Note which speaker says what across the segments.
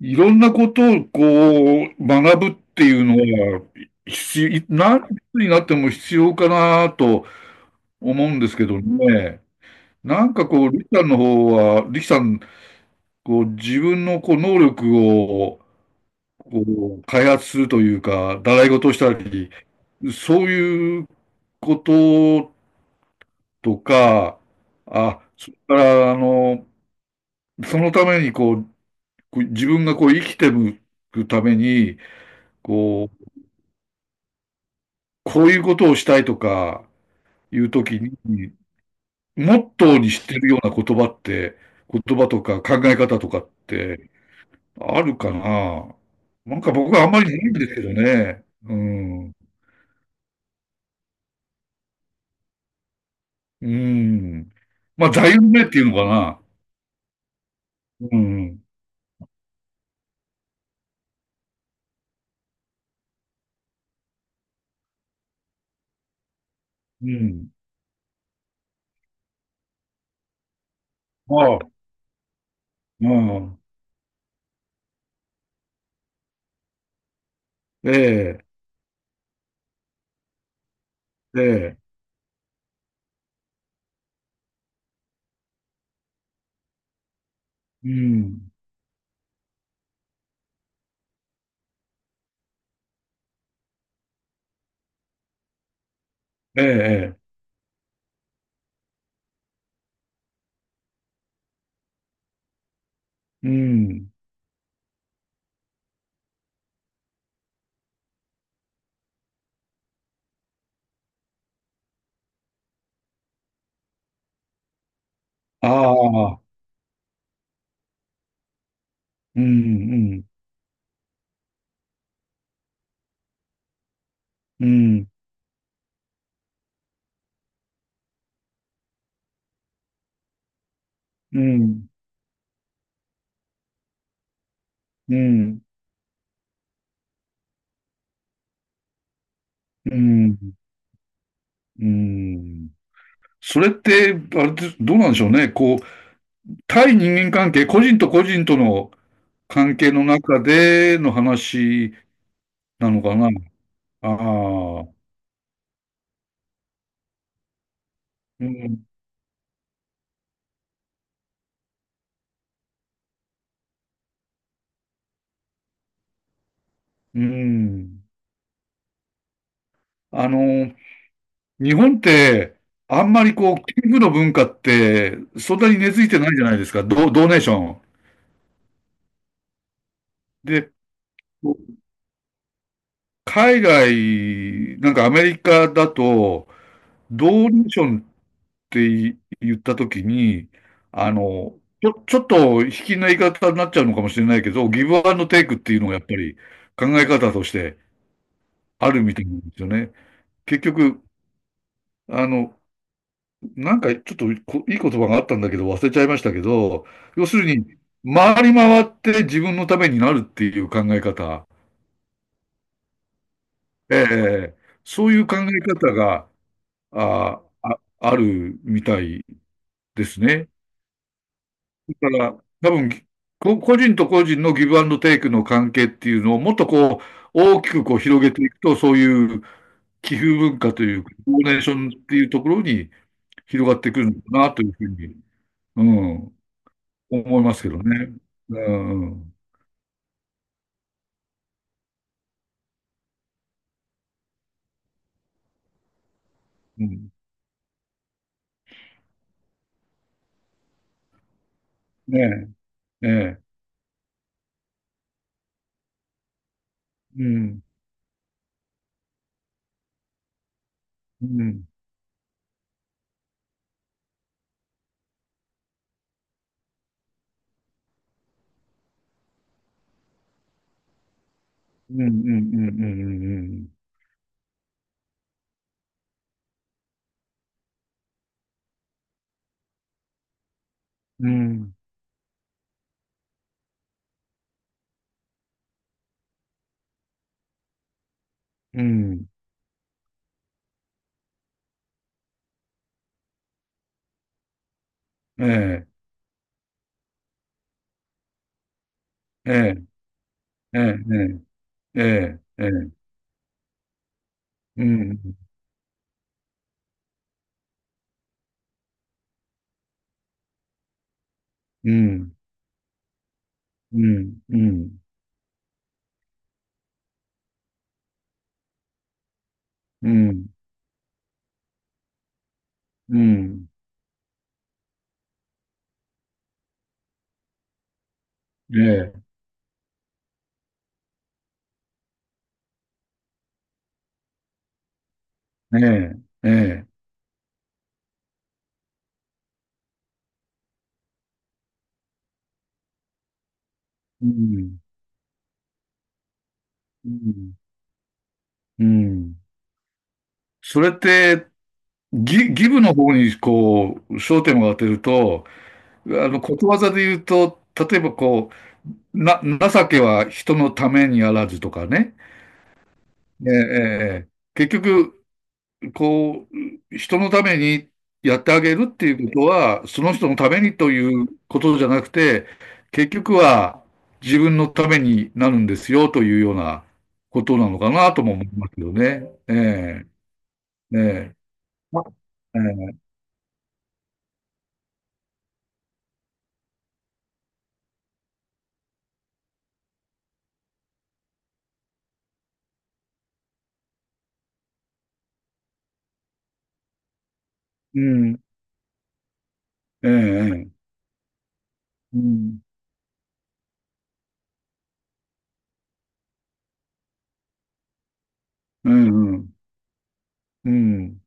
Speaker 1: いろんなことを学ぶっていうのは、必要、何歳になっても必要かなと思うんですけどね。リキさんの方は、リキさん、自分の能力を、こ開発するというか、習い事をしたり、そういうこととか、あ、それから、あの、そのために自分が生きていくために、こう、こういうことをしたいとかいうときに、モットーにしてるような言葉とか考え方とかってあるかな。僕はあんまりないんですけどね。うん。うん。まあ、座右の銘っていうのかな。うん。うん。ああ、うん。ええ、ええ、うん。ええ、ええ、うん。ああ、うん、うん、うん、うん、うん、うん、うん。それって、あれです、どうなんでしょうね。こう、対人間関係、個人と個人との関係の中での話なのかな。ああ、うん、うん。あの、日本って、あんまりこう、寄付の文化って、そんなに根付いてないじゃないですか。ド、ドネーション。で、海外、なんかアメリカだと、ドーネーションって言ったときに、ちょ、ちょっと卑近な言い方になっちゃうのかもしれないけど、ギブアンドテイクっていうのがやっぱり考え方としてあるみたいなんですよね。結局、あの、なんかちょっとこいい言葉があったんだけど忘れちゃいましたけど、要するに、回り回って自分のためになるっていう考え方、ええ、そういう考え方が、あ、あ、あるみたいですね。だから、多分、こ個人と個人のギブアンドテイクの関係っていうのをもっとこう、大きくこう広げていくと、そういう寄付文化というか、ドネーションっていうところに広がってくるのかなというふうに、うん、思いますけどね。うん、うん、うん。ねえ、ええ、うん、うん、うん、うん、うん、うん、うん、うん、うん、ええ、ええ、ええ、ええ、ええ、うん、うん、うん、うん、うん。うん。ええ、ええ、ええ。うん、うん、うん。それって、ギ、ギブの方に、こう、焦点を当てると、あの、ことわざで言うと、例えばう、な、情けは人のためにあらずとかね。ええ、ええ、ええ。結局、こう、人のためにやってあげるっていうことは、その人のためにということじゃなくて、結局は自分のためになるんですよというようなことなのかなとも思いますよね。ええ、ええ、あええ、うん、ええ、ええうん、ええ、うん、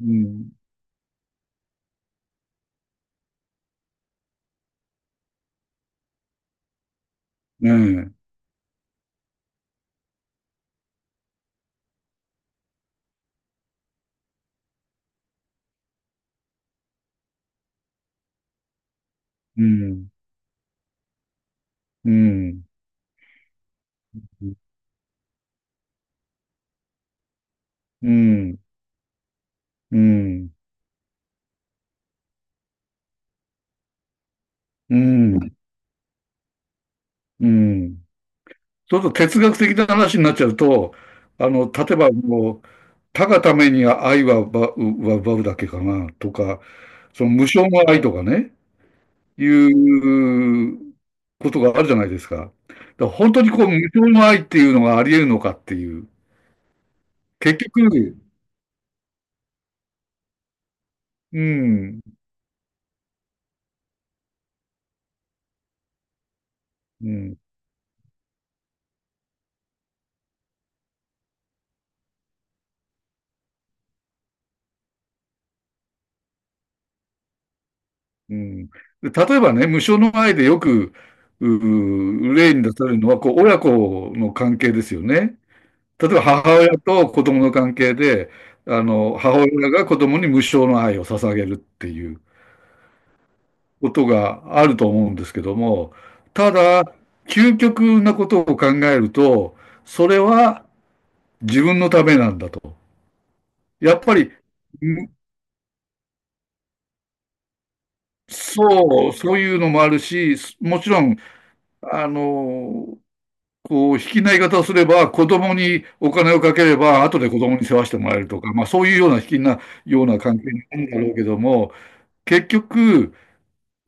Speaker 1: うん、うん、ええ、うん、うん、うん、うん、うん、うん、うん。ちょっと哲学的な話になっちゃうと、例えばもう、他がために愛は奪うは奪うだけかな、とか、その無償の愛とかね、いうことがあるじゃないですか。だから本当にこう、無償の愛っていうのがあり得るのかっていう。結局、うん、うん、うん。例えばね、無償の愛でよく、う、例に出されるのは、こう、親子の関係ですよね。例えば母親と子供の関係で、あの、母親が子供に無償の愛を捧げるっていうことがあると思うんですけども、ただ、究極なことを考えると、それは自分のためなんだと。やっぱり、むそういうのもあるし、すもちろん、あの、卑近な言い方をすれば、子供にお金をかければ、後で子供に世話してもらえるとか、まあそういうような卑近なような関係になるんだろうけども、結局、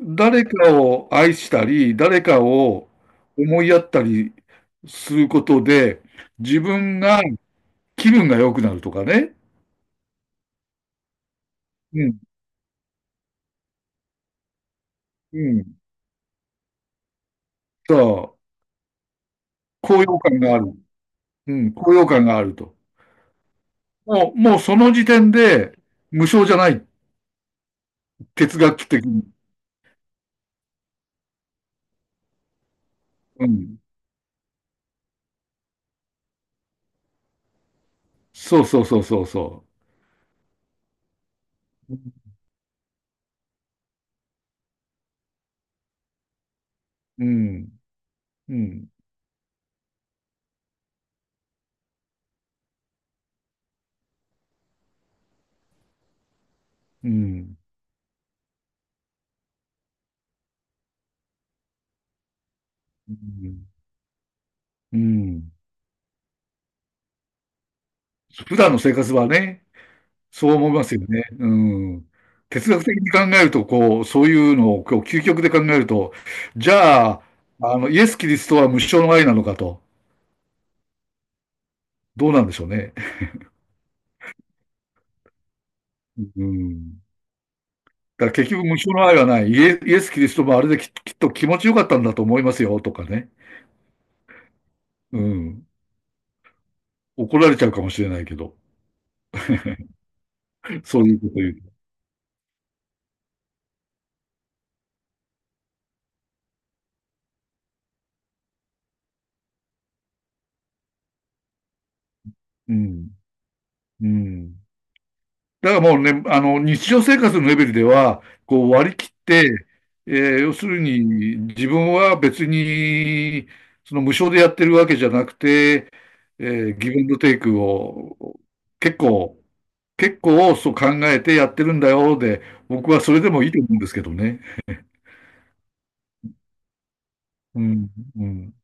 Speaker 1: 誰かを愛したり、誰かを思いやったりすることで、自分が気分が良くなるとかね。うん、うん。そう。高揚感がある。うん、高揚感があると。もうその時点で、無償じゃない。哲学的に。うん。そうそうそうそうそう。うん。うん。うん。うん。うん。普段の生活はね、そう思いますよね。うん。哲学的に考えると、こう、そういうのを、こう、究極で考えると、じゃあ、あの、イエス・キリストは無償の愛なのかと、どうなんでしょうね。うん。だから結局無償の愛はない。イエ、イエス・キリストもあれでき、きっと気持ちよかったんだと思いますよ、とかね。うん。怒られちゃうかもしれないけど、そういうこと言う。うん。うん。だからもうね、あの、日常生活のレベルでは、こう割り切って、えー要するに自分は別に、その無償でやってるわけじゃなくて、えギブアンドテイクを結構、結構そう考えてやってるんだよで、僕はそれでもいいと思うんですけどね。うん、うん。